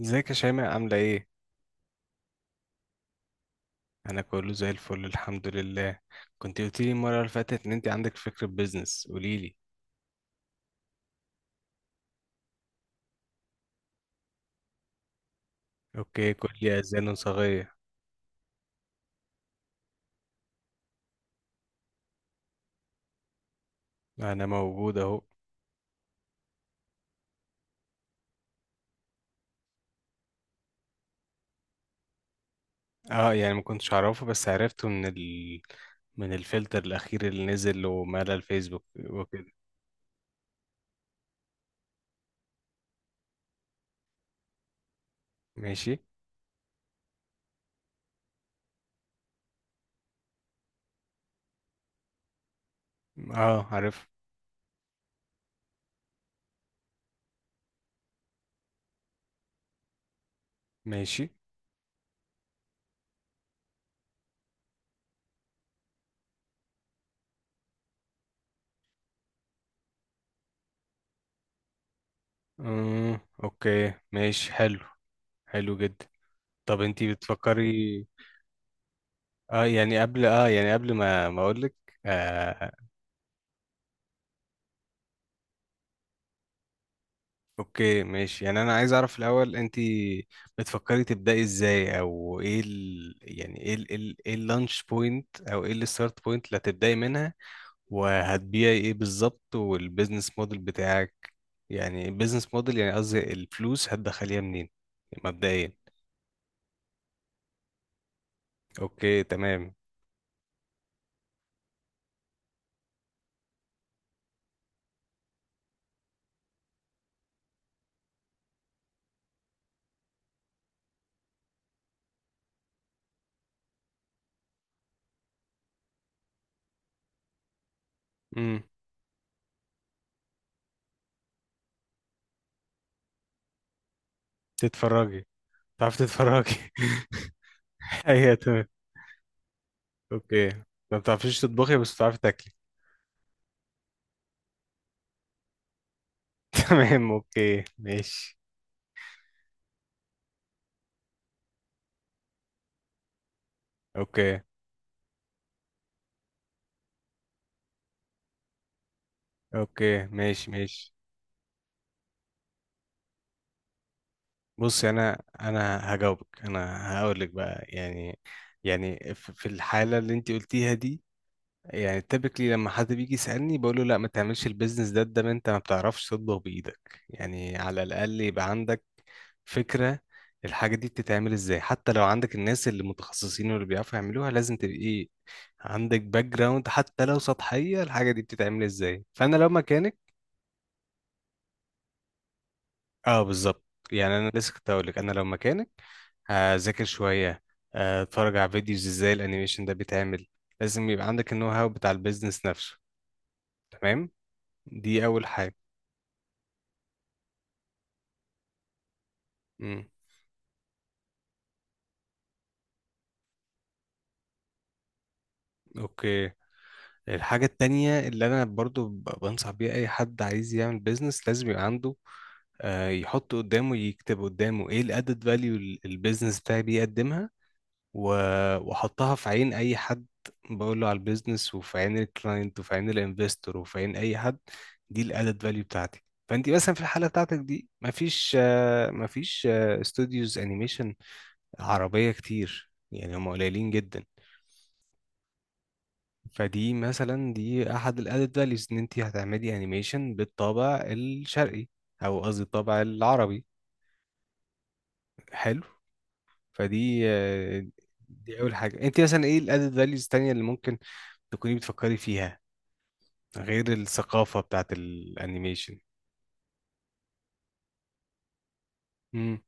ازيك يا شيماء؟ عاملة ايه؟ أنا كله زي الفل الحمد لله. كنت قلتيلي المرة اللي فاتت إن أنت عندك فكرة بيزنس، قوليلي. اوكي، كلي أذان صاغية، أنا موجود أهو. اه يعني ما كنتش أعرفه، بس عرفته من من الفلتر الأخير اللي نزل ومال الفيسبوك وكده. ماشي. اه عارف. ماشي. امم اوكي ماشي، حلو، حلو جدا. طب أنت بتفكري. قبل ما أقولك. آه اوكي ماشي. يعني انا عايز اعرف الاول، انت بتفكري تبداي ازاي؟ او ايه ال... يعني ايه ال... إيه ال- ايه اللانش بوينت، او ايه الستارت بوينت اللي هتبداي منها؟ وهتبيعي ايه بالظبط؟ والبيزنس موديل بتاعك؟ يعني البيزنس موديل، يعني قصدي الفلوس هتدخليها منين مبدئيا. اوكي تمام. امم تتفرجي، تعرفي تتفرجي. ايوه تمام، اوكي. ما بتعرفيش تطبخي بس بتعرفي تاكلي. تمام اوكي ماشي. اوكي. اوكي ماشي ماشي. بص يعني انا هجاوبك، انا هقول لك بقى يعني. يعني في الحاله اللي انت قلتيها دي، يعني تبكلي لما حد بيجي يسالني بقول له لا، ما تعملش البيزنس ده، ده ما انت ما بتعرفش تطبخ بايدك، يعني على الاقل يبقى عندك فكره الحاجه دي بتتعمل ازاي. حتى لو عندك الناس اللي متخصصين واللي بيعرفوا يعملوها، لازم تبقى ايه، عندك باك جراوند حتى لو سطحيه الحاجه دي بتتعمل ازاي. فانا لو مكانك. اه بالظبط. يعني انا لسه كنت هقول لك، انا لو مكانك هذاكر شويه، اتفرج على فيديوز ازاي الانيميشن ده بيتعمل. لازم يبقى عندك النو هاو بتاع البيزنس نفسه، تمام؟ دي اول حاجه. مم. اوكي الحاجه التانية اللي انا برضو بنصح بيها اي حد عايز يعمل بيزنس، لازم يبقى عنده، يحط قدامه، يكتب قدامه ايه الادد فاليو البيزنس بتاعي بيقدمها. واحطها في عين اي حد بقول له على البيزنس، وفي عين الكلاينت، وفي عين الانفستور، وفي عين اي حد، دي الادد فاليو بتاعتي. فانت مثلا في الحاله بتاعتك دي مفيش، مفيش استوديوز انيميشن عربيه كتير، يعني هم قليلين جدا. فدي مثلا دي احد الادد فاليوز، ان انت هتعملي انيميشن بالطابع الشرقي، او قصدي الطابع العربي. حلو. فدي دي اول حاجه. انت مثلا ايه الادد فاليوز التانيه اللي ممكن تكوني بتفكري فيها غير الثقافة بتاعت الانيميشن؟ امم.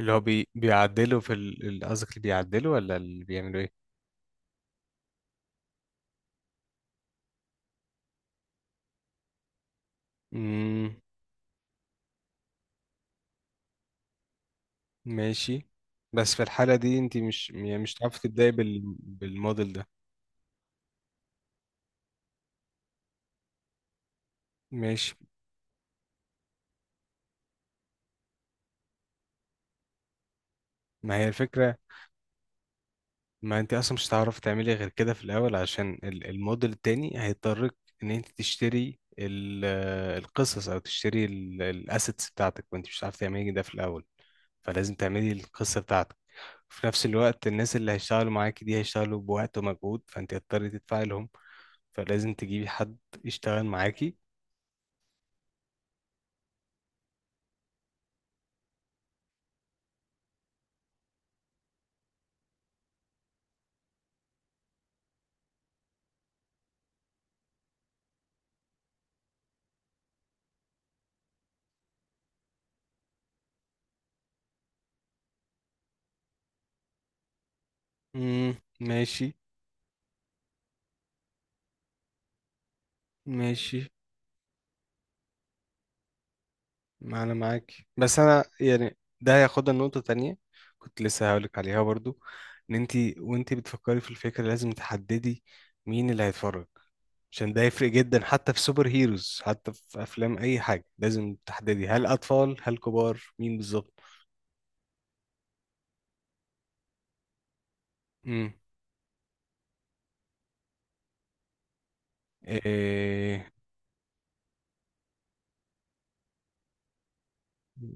اللي هو بيعدلوا في قصدك اللي بيعدلوا ولا اللي بيعملوا ايه؟ امم ماشي. بس في الحالة دي انت مش يعني مش هتعرفي تبدأي بالموديل ده. ماشي. ما هي الفكرة. ما انت اصلا مش هتعرفي تعملي غير كده في الاول، عشان الموديل التاني هيضطرك ان انت تشتري القصص، او تشتري الاسيتس بتاعتك، وانت مش هتعرفي تعملي ده في الاول. فلازم تعملي القصة بتاعتك. وفي نفس الوقت الناس اللي هيشتغلوا معاكي دي هيشتغلوا بوقت ومجهود، فانت هتضطري تدفعي لهم. فلازم تجيبي حد يشتغل معاكي. مم. ماشي ماشي. ما انا معاك، بس انا يعني ده هياخدنا لنقطة تانية كنت لسه هقولك عليها برضو. ان انت وانت بتفكري في الفكرة لازم تحددي مين اللي هيتفرج، عشان ده يفرق جدا. حتى في سوبر هيروز، حتى في افلام، اي حاجة لازم تحددي، هل اطفال، هل كبار، مين بالظبط. امم. إيه...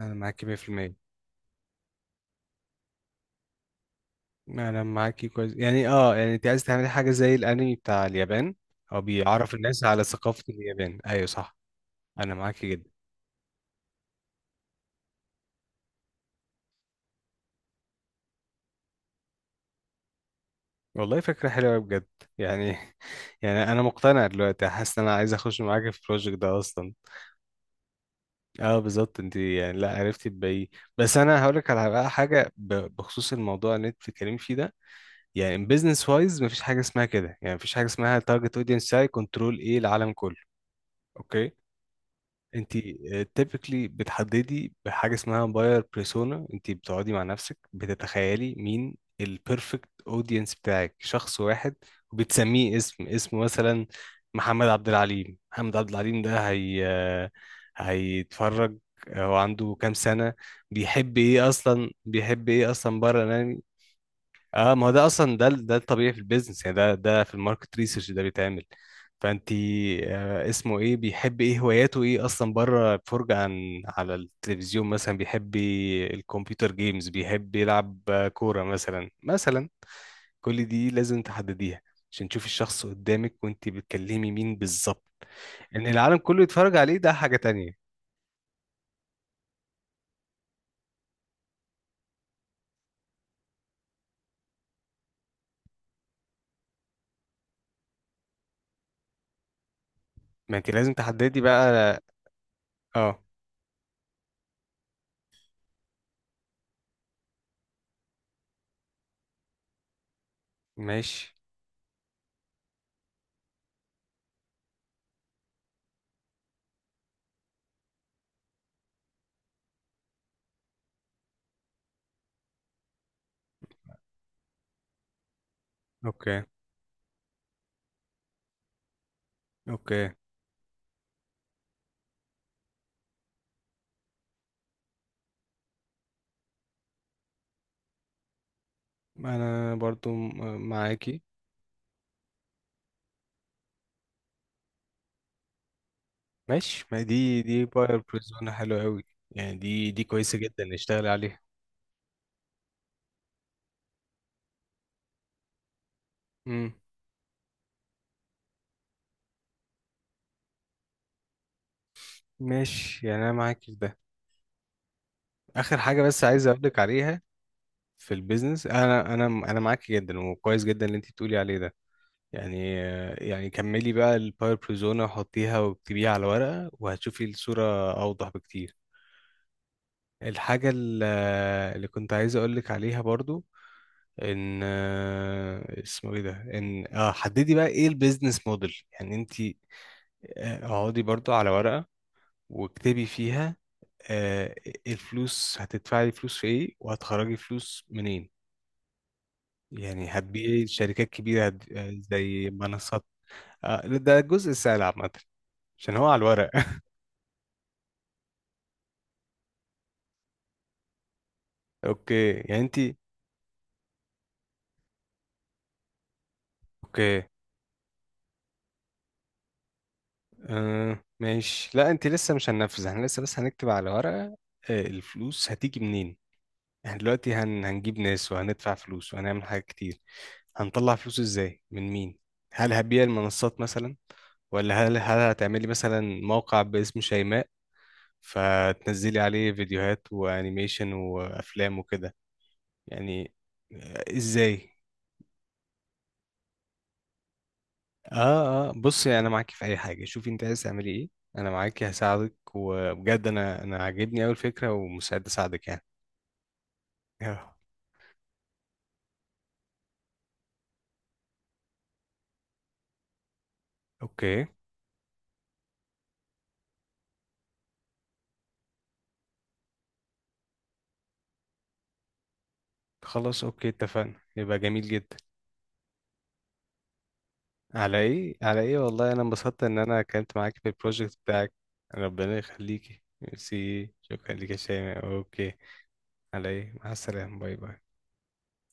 انا معاكي 100%. انا معاكي كويس يعني. اه يعني انت عايز تعملي حاجة زي الانمي بتاع اليابان، او بيعرف الناس على ثقافة اليابان، ايوه صح. انا معاكي جدا. والله فكرة حلوة بجد، يعني يعني أنا مقتنع دلوقتي، حاسس إن أنا عايز أخش معاك في البروجكت ده أصلا. أه بالظبط، أنت يعني لا عرفتي تبيعيه. بس أنا هقولك على بقى حاجة بخصوص الموضوع اللي أنت بتتكلمي فيه ده. يعني بزنس وايز مفيش حاجة اسمها كده، يعني مفيش حاجة اسمها تارجت أودينس ساي كنترول إيه، العالم كله. أوكي. انت تيبيكلي بتحددي بحاجه اسمها باير بيرسونا. انت بتقعدي مع نفسك، بتتخيلي مين البيرفكت اودينس بتاعك، شخص واحد، وبتسميه اسم، اسمه مثلا محمد عبد العليم. محمد عبد العليم ده هي هيتفرج، هو عنده كام سنه، بيحب ايه اصلا، بيحب ايه اصلا بره. اه ما هو ده اصلا، ده الطبيعي في البيزنس، يعني ده في الماركت ريسيرش ده بيتعمل. فانت آه اسمه ايه، بيحب ايه، هواياته ايه اصلا بره، فرجة عن على التلفزيون مثلا، بيحب الكمبيوتر جيمز، بيحب يلعب كورة مثلا، مثلا. كل دي لازم تحدديها، عشان تشوفي الشخص قدامك وانت بتكلمي مين بالظبط. ان العالم كله يتفرج عليه ده حاجة تانية. ما انت لازم تحددي بقى. اه ماشي. اوكي اوكي. انا برضو معاكي. ماشي. ما دي دي باير بريزونا حلوة قوي، يعني دي دي كويسة جدا نشتغل عليها. امم. ماشي يعني انا معاك في ده. اخر حاجة بس عايز اقولك عليها في البيزنس. انا معاك جدا وكويس جدا اللي انت بتقولي عليه ده. يعني يعني كملي بقى الباور بريزونا، وحطيها واكتبيها على ورقة، وهتشوفي الصورة اوضح بكتير. الحاجة ال- اللي كنت عايز اقولك عليها برضو ان، اسمه ايه ده، ان اه حددي بقى ايه البيزنس موديل، يعني انت، اقعدي برضو على ورقة واكتبي فيها، آه، الفلوس هتدفعي فلوس في ايه وهتخرجي فلوس منين. يعني هتبيعي شركات كبيرة، زي منصات، ده الجزء السهل عامة، عشان هو على الورق. اوكي يعني انت. اوكي ماشي، لا انت لسه مش هننفذ، احنا لسه بس هنكتب على ورقة. الفلوس هتيجي منين؟ احنا دلوقتي هنجيب ناس وهندفع فلوس وهنعمل حاجات كتير، هنطلع فلوس ازاي من مين؟ هل هبيع المنصات مثلا، ولا هل هتعملي مثلا موقع باسم شيماء فتنزلي عليه فيديوهات وانيميشن وافلام وكده، يعني ازاي؟ اه بصي، انا معاكي في اي حاجه، شوفي انت عايز تعملي ايه، انا معاكي هساعدك، وبجد انا عاجبني اوي الفكره ومستعد اساعدك يعني. آه، اوكي، خلاص اوكي اتفقنا، يبقى جميل جدا. على ايه، على ايه، والله انا انبسطت ان انا كنت معاك في البروجكت بتاعك. ربنا يخليكي، ميرسي، شكرا ليك يا شيماء، اوكي. على ايه، مع السلامة، باي باي.